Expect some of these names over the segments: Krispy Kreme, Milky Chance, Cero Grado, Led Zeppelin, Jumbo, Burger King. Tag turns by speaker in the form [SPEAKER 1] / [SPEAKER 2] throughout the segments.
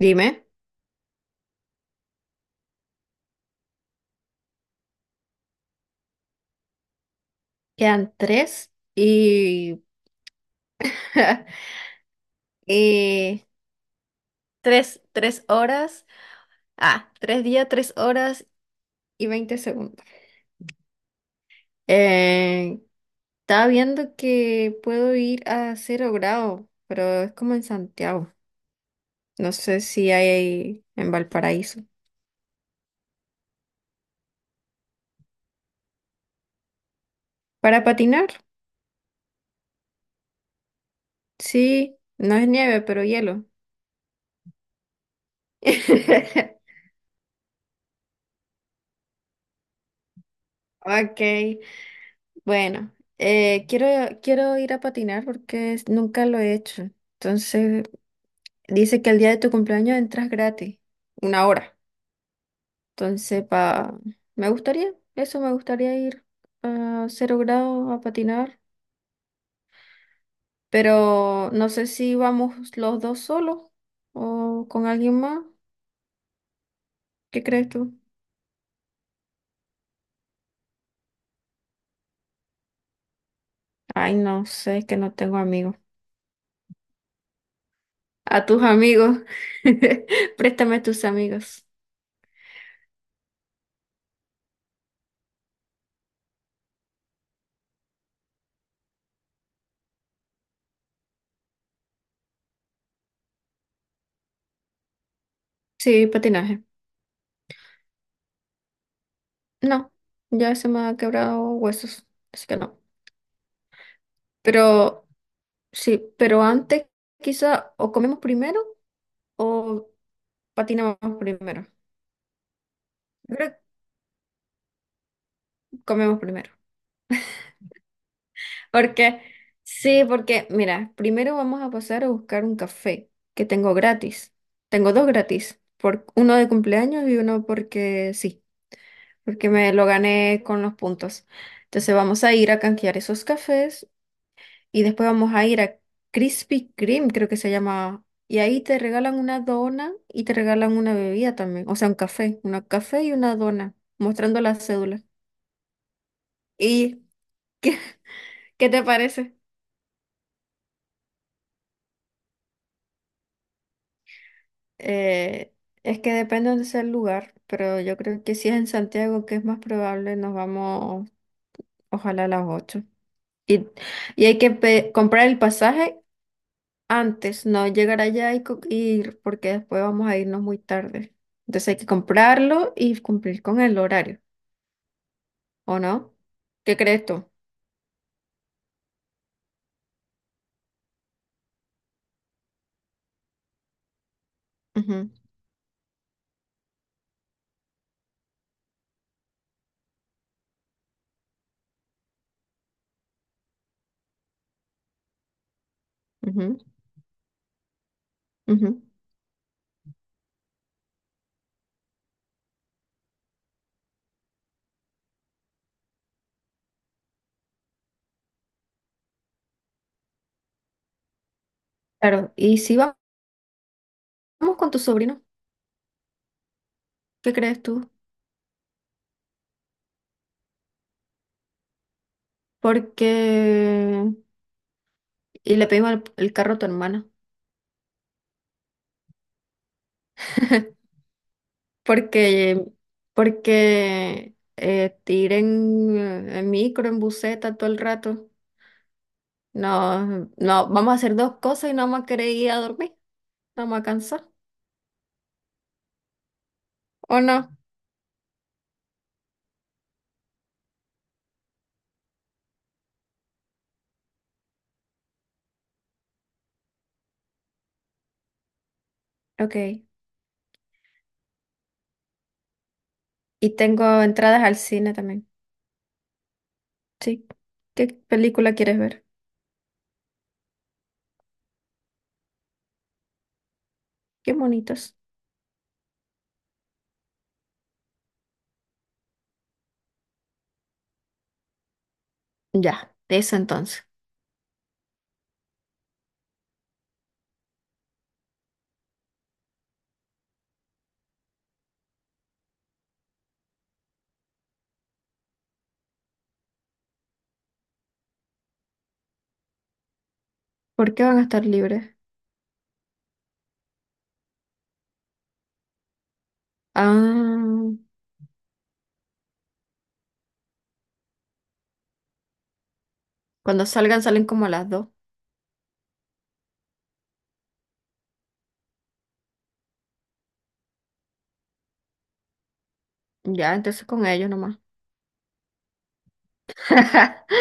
[SPEAKER 1] Dime. Quedan 3 y, y tres horas. Ah, 3 días, 3 horas y 20 segundos. Eh, estaba viendo que puedo ir a Cero Grado, pero es como en Santiago. No sé si hay ahí en Valparaíso. Para patinar, sí, no es nieve, pero hielo. Ok, bueno, quiero ir a patinar nunca lo he hecho. Entonces, dice que el día de tu cumpleaños entras gratis, una hora. Entonces, eso me gustaría ir a Cero Grado a patinar, pero no sé si vamos los dos solos o con alguien más. ¿Qué crees tú? Ay, no sé, es que no tengo amigos. A tus amigos, préstame tus amigos. Sí, patinaje. No, ya se me ha quebrado huesos, así que no. Pero sí, pero antes quizá o comemos primero o patinamos primero. Yo creo que comemos primero. Porque, sí, porque, mira, primero vamos a pasar a buscar un café que tengo gratis. Tengo dos gratis, por, uno de cumpleaños y uno porque sí, porque me lo gané con los puntos. Entonces vamos a ir a canjear esos cafés. Y después vamos a ir a Krispy Kreme, creo que se llama. Y ahí te regalan una dona y te regalan una bebida también. O sea, un café. Una café y una dona, mostrando la cédula. ¿Y qué, qué te parece? Eh, es que depende de dónde sea el lugar, pero yo creo que si es en Santiago, que es más probable, nos vamos ojalá a las 8. Y, y hay que comprar el pasaje antes. No, llegar allá y ir, porque después vamos a irnos muy tarde. Entonces hay que comprarlo y cumplir con el horario, ¿o no? ¿Qué crees tú? Ujú, ujú, ujú. Claro, y si va- vamos con tu sobrino, ¿qué crees tú? Porque... Y le pedimos el carro a tu hermana. Porque... Porque... te ir en micro, en buseta todo el rato. No, no, vamos a hacer dos cosas y no vamos a querer ir a dormir. No vamos a cansar. ¿O no? Ok. Y tengo entradas al cine también. Sí. ¿Qué película quieres ver? Qué bonitos. Ya, de eso entonces. ¿Por qué van a estar libres? Ah, cuando salgan, salen como a las 2. Ya, entonces con ellos nomás.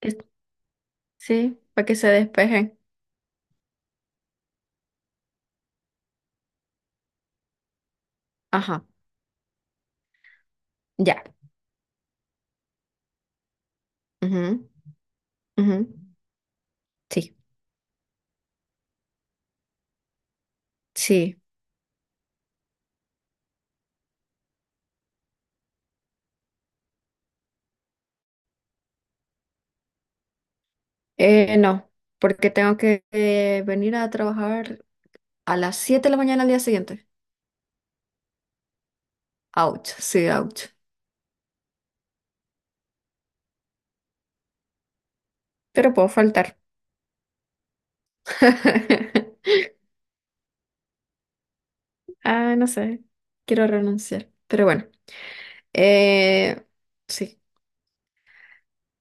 [SPEAKER 1] Que- Sí, para que se despejen. Ajá, ya. Ujú, ujú. Sí, sí. No, porque tengo que venir a trabajar a las 7 de la mañana al día siguiente. Ouch, sí, ouch. Pero puedo faltar. Ah, no sé, quiero renunciar, pero bueno, eh, sí.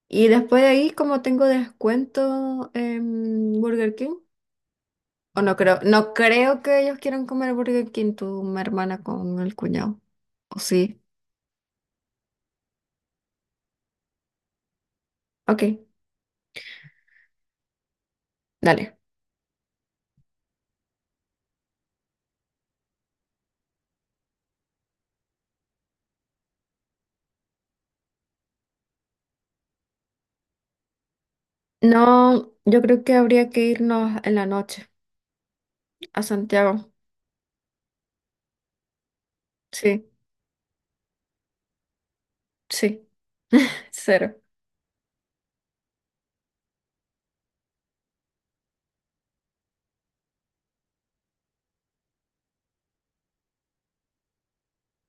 [SPEAKER 1] Y después de ahí, como tengo descuento en Burger King, o no creo que ellos quieran comer Burger King, tu mi hermana con el cuñado, o sí, ok, dale. No, yo creo que habría que irnos en la noche a Santiago, sí, sí, cero.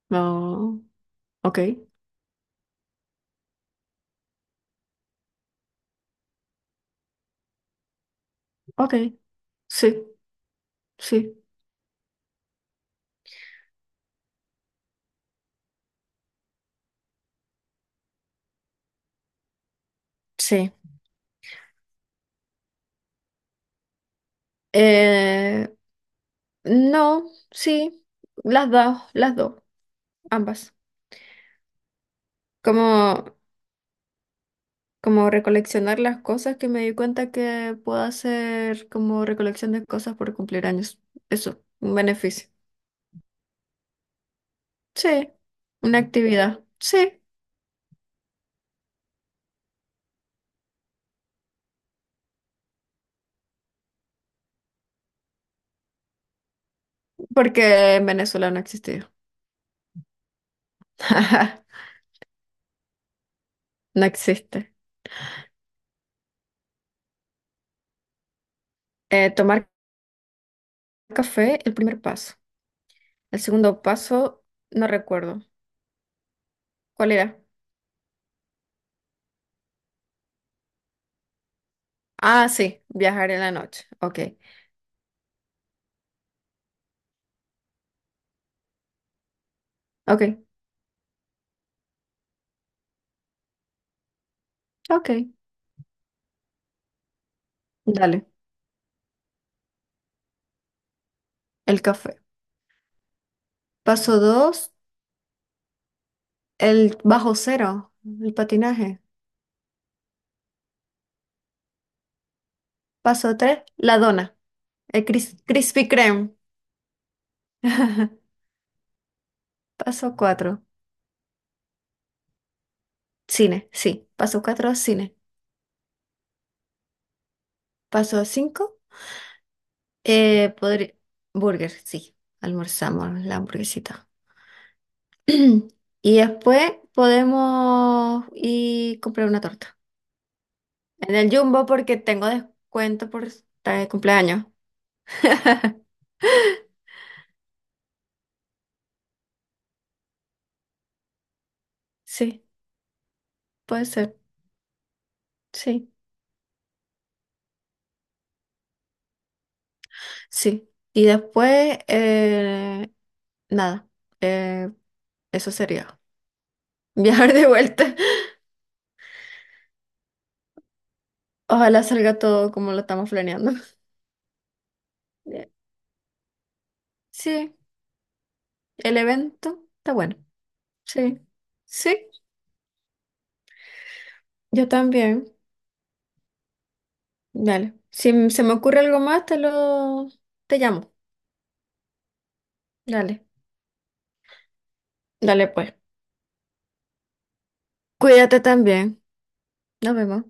[SPEAKER 1] No, ok, ok, sí, sí, sí. Eh, no, sí, las dos, ambas. Como, como recoleccionar las cosas que me di cuenta que puedo hacer como recolección de cosas por cumplir años. Eso, un beneficio. Sí, una actividad. Sí, porque en Venezuela no existía. No existe. Tomar café, el primer paso. El segundo paso, no recuerdo. ¿Cuál era? Ah, sí, viajar en la noche. Ok, ok, ok. Dale, el café. Paso 2 el bajo cero, el patinaje. Paso 3 la dona, el Krispy Kreme. Paso 4 cine, sí. Paso 4 cine. Paso 5 eh, podri- burger, sí. Almorzamos la hamburguesita. Y después podemos ir comprar una torta. En el Jumbo porque tengo descuento por estar de cumpleaños. Sí, puede ser. Sí. Sí. Y después, nada, eh, eso sería. Viajar de vuelta. Ojalá salga todo como lo estamos planeando. Eh, Sí, el evento está bueno. Sí. Sí, yo también. Dale. Si se me ocurre algo más, te llamo. Dale. Dale pues. Cuídate también. Nos vemos.